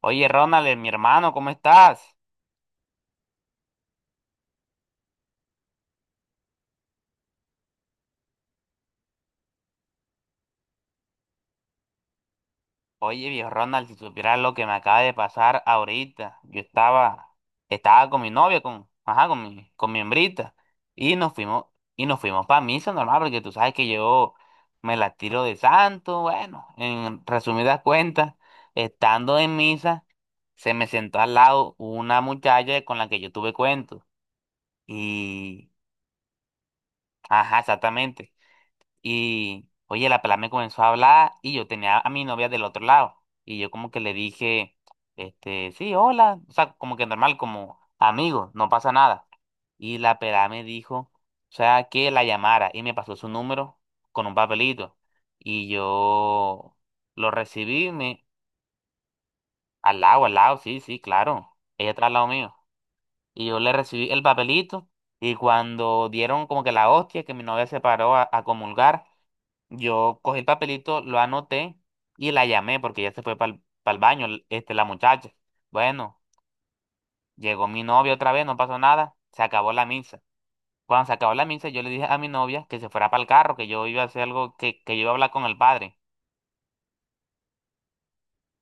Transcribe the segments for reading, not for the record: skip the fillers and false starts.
Oye, Ronald, mi hermano, ¿cómo estás? Oye, viejo Ronald, si supieras lo que me acaba de pasar ahorita. Estaba con mi novia, con, ajá, con mi hembrita, y nos fuimos, y nos fuimos para misa normal, porque tú sabes que yo me la tiro de santo, bueno, en resumidas cuentas, estando en misa, se me sentó al lado una muchacha con la que yo tuve cuento. Y, ajá, exactamente. Y, oye, la pelada me comenzó a hablar y yo tenía a mi novia del otro lado. Y yo como que le dije, este, sí, hola. O sea, como que normal, como amigo, no pasa nada. Y la pelada me dijo, o sea, que la llamara y me pasó su número con un papelito. Y yo lo recibí, me, al lado, sí, sí, claro. Ella está al lado mío. Y yo le recibí el papelito y cuando dieron como que la hostia que mi novia se paró a comulgar. Yo cogí el papelito, lo anoté y la llamé porque ya se fue para el baño, este, la muchacha. Bueno, llegó mi novia otra vez, no pasó nada, se acabó la misa. Cuando se acabó la misa, yo le dije a mi novia que se fuera para el carro, que yo iba a hacer algo, que yo iba a hablar con el padre.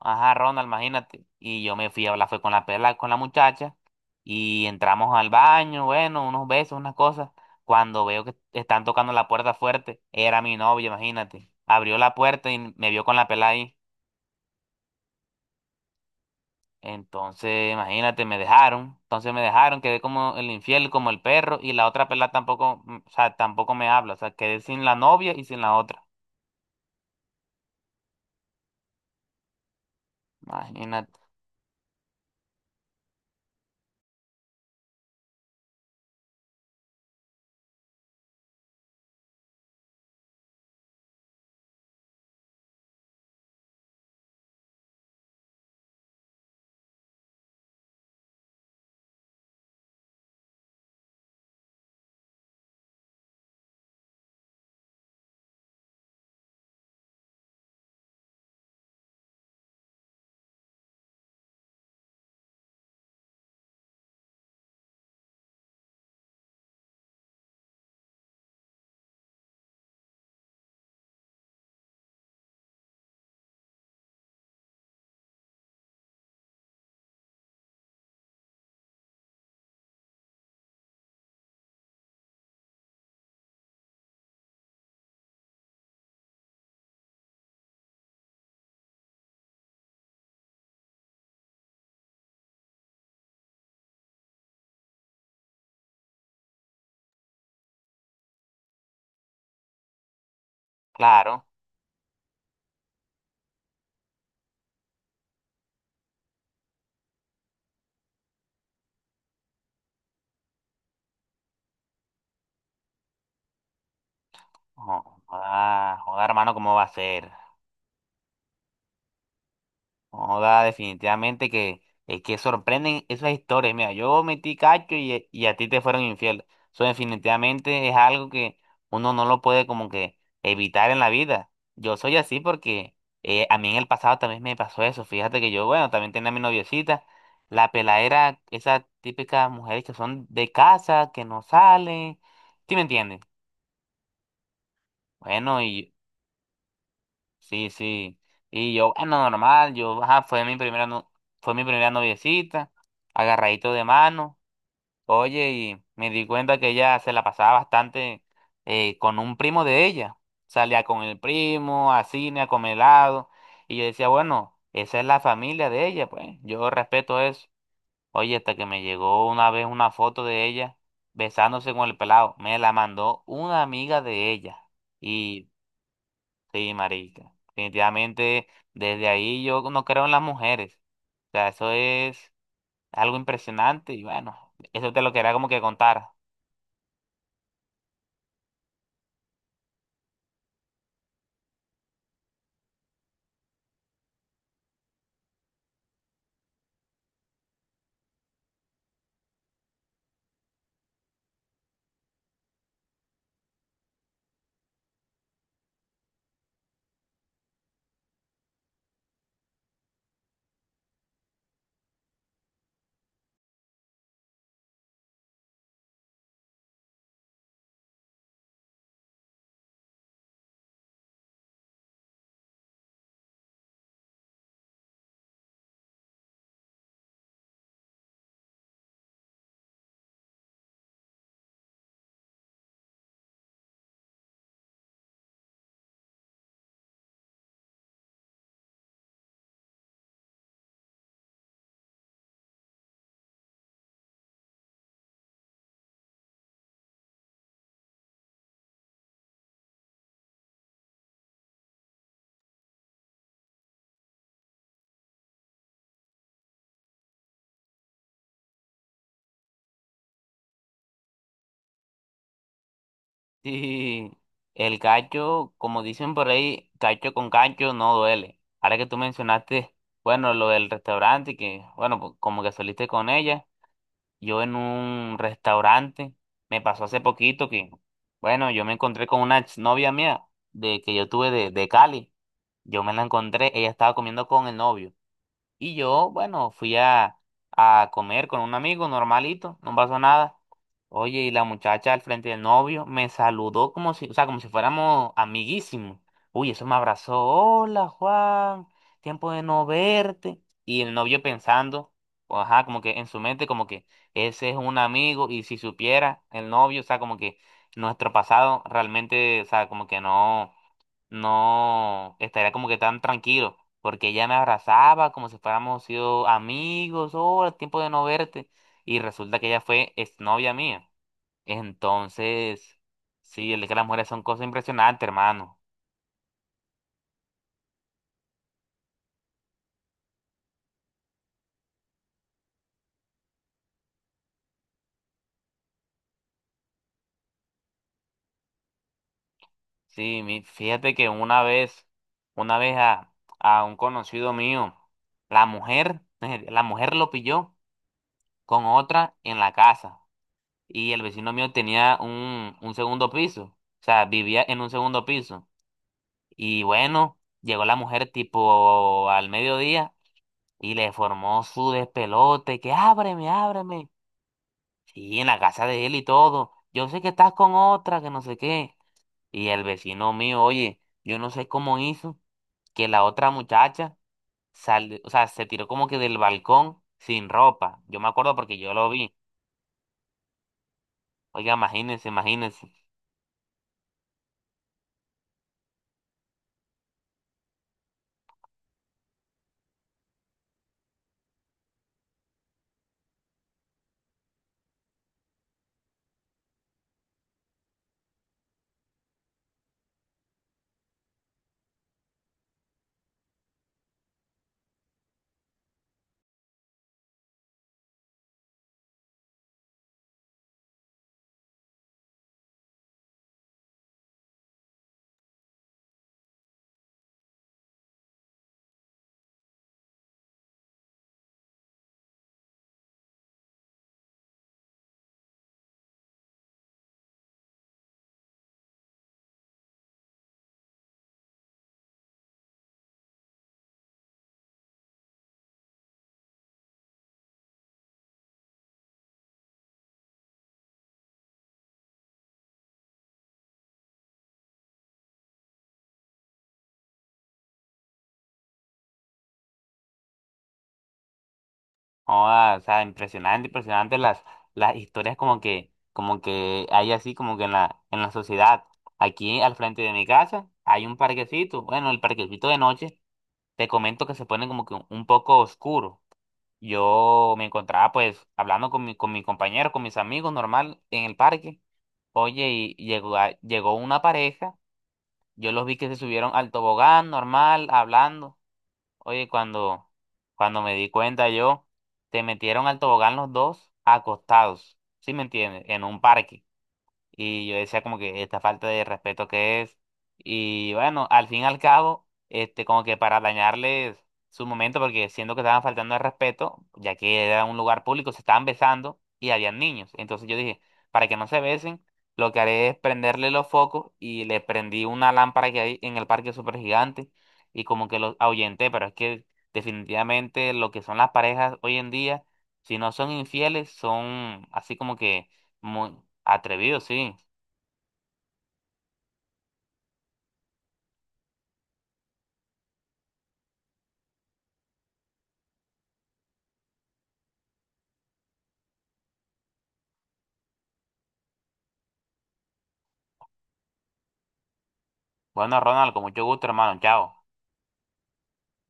Ajá, Ronald, imagínate. Y yo me fui a hablar, fue con la pela, con la muchacha, y entramos al baño, bueno, unos besos, unas cosas. Cuando veo que están tocando la puerta fuerte, era mi novia, imagínate. Abrió la puerta y me vio con la pela ahí. Entonces, imagínate, me dejaron. Entonces me dejaron, quedé como el infiel, como el perro, y la otra pelada tampoco, o sea, tampoco me habla. O sea, quedé sin la novia y sin la otra. Imagínate. Claro. Joda, hermano, ¿cómo va a ser? Joda, definitivamente que es que sorprenden esas historias. Mira, yo metí cacho y, a ti te fueron infiel. Eso definitivamente es algo que uno no lo puede como que evitar en la vida. Yo soy así porque a mí en el pasado también me pasó eso. Fíjate que yo, bueno, también tenía a mi noviecita, la peladera, esas típicas mujeres que son de casa, que no salen. ¿Sí me entiendes? Bueno, y sí, sí. Y yo, bueno, normal, yo, ajá, fue mi primera, no- fue mi primera noviecita, agarradito de mano. Oye, y me di cuenta que ella se la pasaba bastante con un primo de ella. Salía con el primo, a cine, a comer helado. Y yo decía, bueno, esa es la familia de ella, pues, yo respeto eso. Oye, hasta que me llegó una vez una foto de ella besándose con el pelado. Me la mandó una amiga de ella. Y sí, marica. Definitivamente, desde ahí yo no creo en las mujeres. O sea, eso es algo impresionante y bueno, eso te lo quería como que contar. Sí, el cacho, como dicen por ahí, cacho con cacho no duele. Ahora que tú mencionaste, bueno, lo del restaurante y que, bueno, pues, como que saliste con ella. Yo en un restaurante. Me pasó hace poquito que, bueno, yo me encontré con una novia mía de que yo tuve de Cali. Yo me la encontré, ella estaba comiendo con el novio. Y yo, bueno, a comer con un amigo normalito, no pasó nada. Oye, y la muchacha al frente del novio me saludó como si, o sea, como si fuéramos amiguísimos. Uy, eso me abrazó. Hola, Juan, tiempo de no verte. Y el novio pensando, o ajá, como que en su mente, como que ese es un amigo. Y si supiera el novio, o sea, como que nuestro pasado realmente, o sea, como que no no estaría como que tan tranquilo, porque ella me abrazaba como si fuéramos sido amigos, oh, tiempo de no verte, y resulta que ella fue exnovia mía. Entonces, sí, el que las mujeres son cosas impresionantes, hermano. Sí, fíjate que una vez, una vez a, a un conocido mío, la mujer, la mujer lo pilló con otra en la casa, y el vecino mío tenía un segundo piso, o sea, vivía en un segundo piso. Y bueno, llegó la mujer tipo al mediodía y le formó su despelote, que ábreme, ábreme. Sí, en la casa de él y todo. Yo sé que estás con otra, que no sé qué. Y el vecino mío, oye, yo no sé cómo hizo que la otra muchacha salió, o sea, se tiró como que del balcón sin ropa. Yo me acuerdo porque yo lo vi. Oiga, imagínense, imagínense. Joda, o sea, impresionante, impresionante las historias como que hay así como que en la sociedad. Aquí al frente de mi casa hay un parquecito. Bueno, el parquecito de noche, te comento que se pone como que un poco oscuro. Yo me encontraba pues hablando con mi compañero, con mis amigos normal en el parque. Oye, llegó una pareja, yo los vi que se subieron al tobogán normal, hablando. Oye, cuando me di cuenta yo, te metieron al tobogán los dos acostados, ¿sí me entiendes? En un parque. Y yo decía como que esta falta de respeto que es. Y bueno, al fin y al cabo, este, como que para dañarles su momento, porque siento que estaban faltando el respeto, ya que era un lugar público, se estaban besando y habían niños. Entonces yo dije, para que no se besen, lo que haré es prenderle los focos y le prendí una lámpara que hay en el parque súper gigante y como que los ahuyenté, pero es que definitivamente lo que son las parejas hoy en día, si no son infieles, son así como que muy atrevido, sí. Bueno, Ronald, con mucho gusto, hermano. Chao.